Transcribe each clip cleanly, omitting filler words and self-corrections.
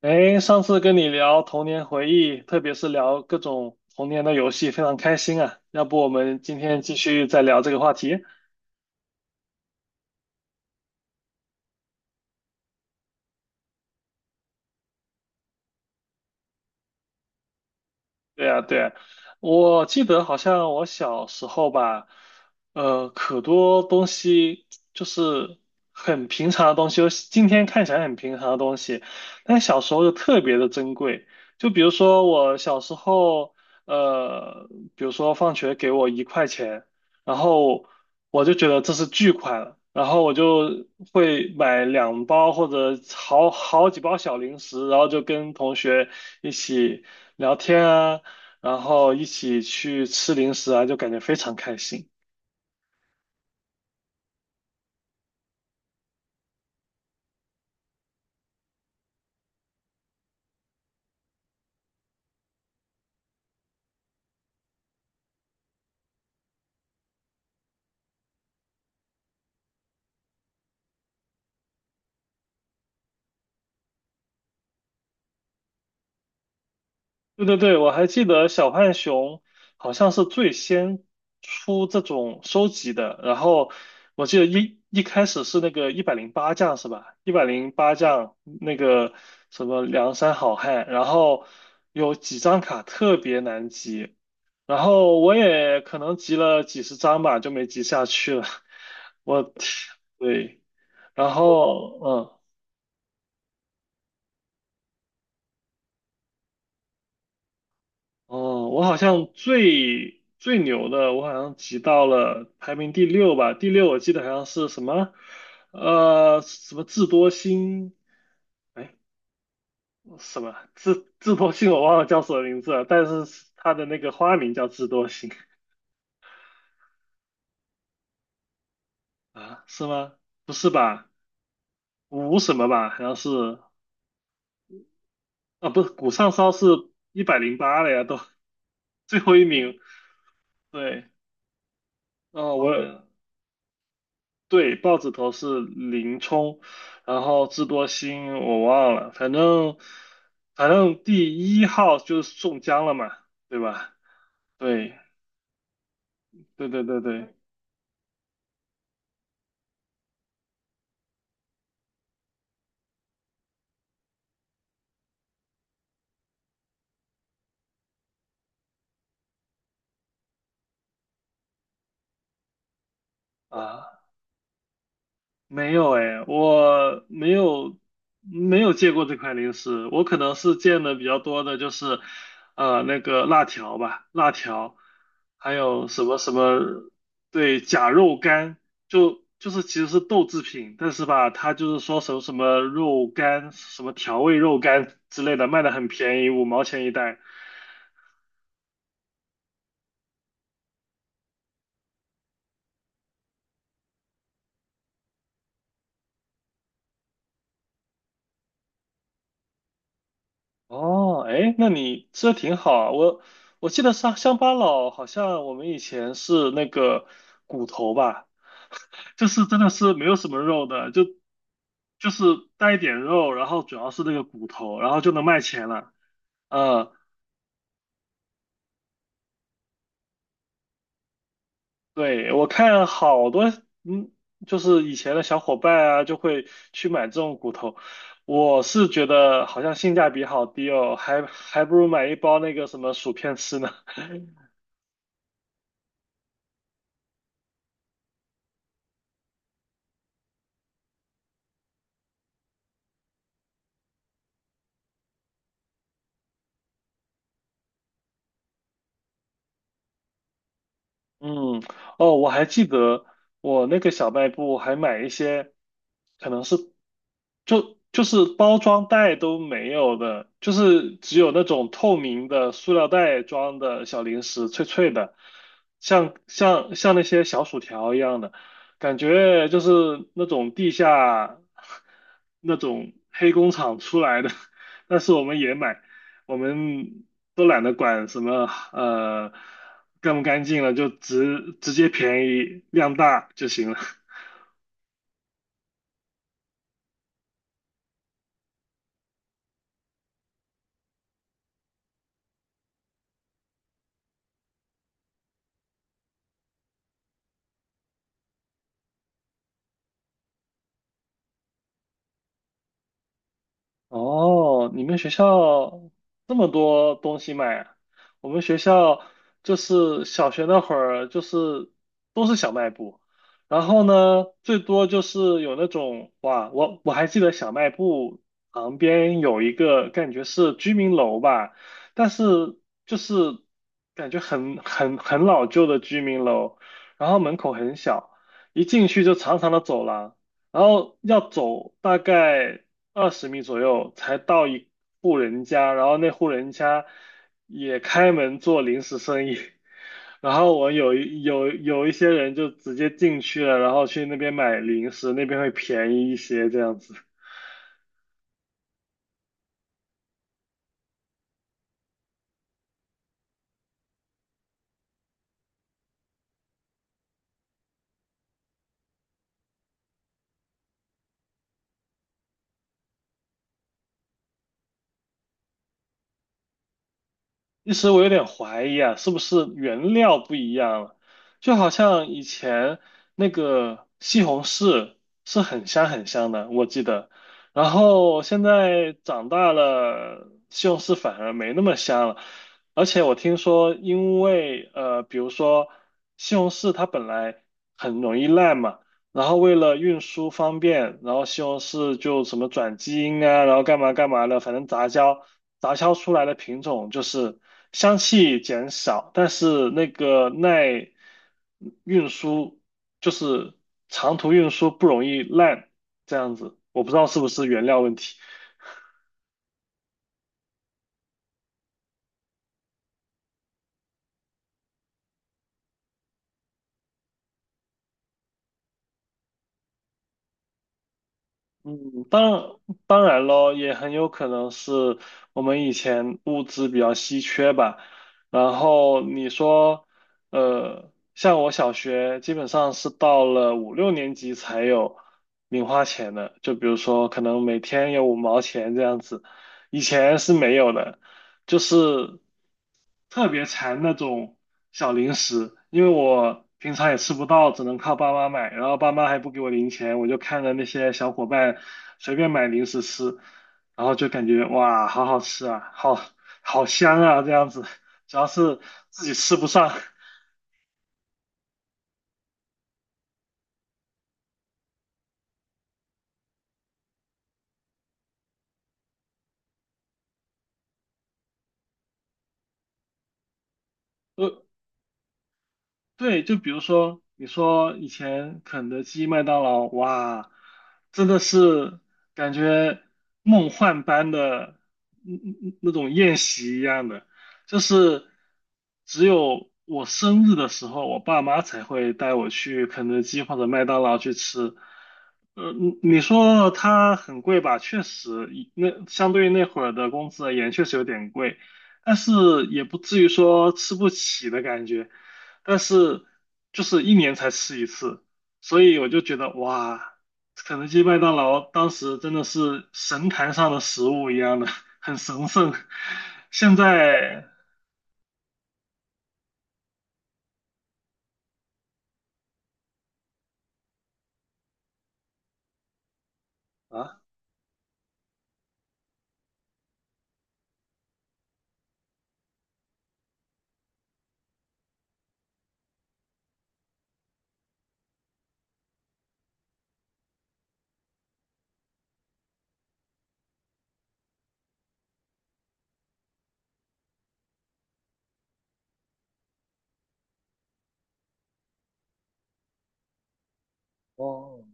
哎，上次跟你聊童年回忆，特别是聊各种童年的游戏，非常开心啊。要不我们今天继续再聊这个话题？对呀，对啊，我记得好像我小时候吧，可多东西就是很平常的东西，就是今天看起来很平常的东西，但小时候就特别的珍贵。就比如说我小时候，呃，比如说放学给我1块钱，然后我就觉得这是巨款了，然后我就会买两包或者好几包小零食，然后就跟同学一起，聊天啊，然后一起去吃零食啊，就感觉非常开心。对对对，我还记得小浣熊好像是最先出这种收集的，然后我记得一开始是那个一百零八将是吧？一百零八将那个什么梁山好汉，然后有几张卡特别难集，然后我也可能集了几十张吧，就没集下去了。我，对，然后嗯。哦，我好像最最牛的，我好像挤到了排名第六吧，第六我记得好像是什么，什么智多星，哎，什么智多星我忘了叫什么名字了，但是它的那个花名叫智多星啊，是吗？不是吧？五什么吧？好像是啊，不是谷上骚是一百零八了呀，都 最后一名，对，哦，我。对，豹子头是林冲，然后智多星我忘了，反正第一号就是宋江了嘛，对吧？对对对对对啊。没有哎，我没有见过这款零食，我可能是见的比较多的就是，那个辣条吧，辣条，还有什么什么，对，假肉干，就是其实是豆制品，但是吧，它就是说什么什么肉干，什么调味肉干之类的，卖的很便宜，五毛钱一袋。哦，哎，那你吃的挺好啊。我记得乡巴佬好像我们以前是那个骨头吧，就是真的是没有什么肉的，就是带一点肉，然后主要是那个骨头，然后就能卖钱了。嗯，对，我看好多，嗯，就是以前的小伙伴啊，就会去买这种骨头。我是觉得好像性价比好低哦，还不如买一包那个什么薯片吃呢。嗯，哦，我还记得我那个小卖部还买一些，可能是就是包装袋都没有的，就是只有那种透明的塑料袋装的小零食，脆脆的，像那些小薯条一样的，感觉就是那种地下 那种黑工厂出来的，但是我们也买。我们都懒得管什么呃干不干净了，就直接便宜量大就行了。哦，你们学校这么多东西卖啊？我们学校就是小学那会儿，就是都是小卖部，然后呢，最多就是有那种哇，我还记得小卖部旁边有一个感觉是居民楼吧，但是就是感觉很老旧的居民楼，然后门口很小，一进去就长长的走廊。然后要走大概20米左右才到一户人家，然后那户人家也开门做零食生意，然后我有一有有一些人就直接进去了，然后去那边买零食，那边会便宜一些这样子。一时我有点怀疑啊，是不是原料不一样了？就好像以前那个西红柿是很香很香的，我记得。然后现在长大了，西红柿反而没那么香了。而且我听说，因为比如说西红柿它本来很容易烂嘛。然后为了运输方便，然后西红柿就什么转基因啊，然后干嘛干嘛的，反正杂交出来的品种就是香气减少，但是那个耐运输就是长途运输不容易烂，这样子，我不知道是不是原料问题。嗯，当然咯，也很有可能是我们以前物资比较稀缺吧。然后你说，像我小学基本上是到了五六年级才有零花钱的，就比如说可能每天有五毛钱这样子，以前是没有的。就是特别馋那种小零食，因为我平常也吃不到，只能靠爸妈买，然后爸妈还不给我零钱，我就看着那些小伙伴随便买零食吃，然后就感觉哇，好好吃啊，好好香啊，这样子，主要是自己吃不上，呃，对，就比如说，你说以前肯德基、麦当劳，哇，真的是感觉梦幻般的那种宴席一样的，就是只有我生日的时候，我爸妈才会带我去肯德基或者麦当劳去吃。你说它很贵吧？确实，以那相对于那会儿的工资而言，确实有点贵，但是也不至于说吃不起的感觉。但是就是一年才吃一次，所以我就觉得哇，肯德基、麦当劳当时真的是神坛上的食物一样的，很神圣。现在啊，哦，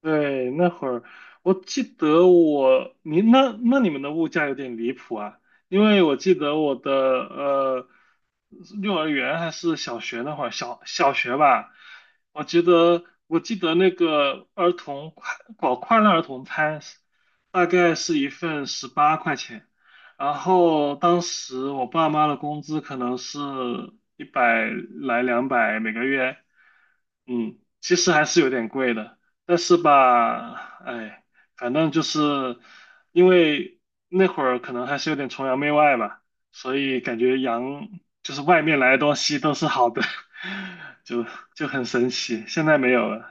对，那会儿我记得我，你那那你们的物价有点离谱啊，因为我记得我的幼儿园还是小学那会儿，小学吧，我记得那个儿童快搞快乐儿童餐，大概是一份18块钱，然后当时我爸妈的工资可能是一百来两百每个月。嗯，其实还是有点贵的，但是吧，哎，反正就是因为那会儿可能还是有点崇洋媚外吧，所以感觉洋就是外面来的东西都是好的，就就很神奇。现在没有了。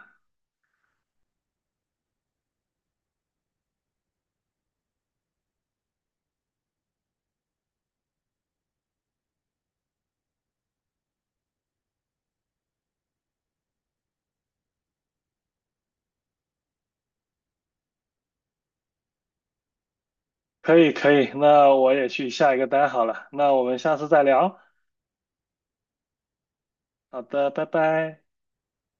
可以可以，那我也去下一个单好了，那我们下次再聊。好的，拜拜。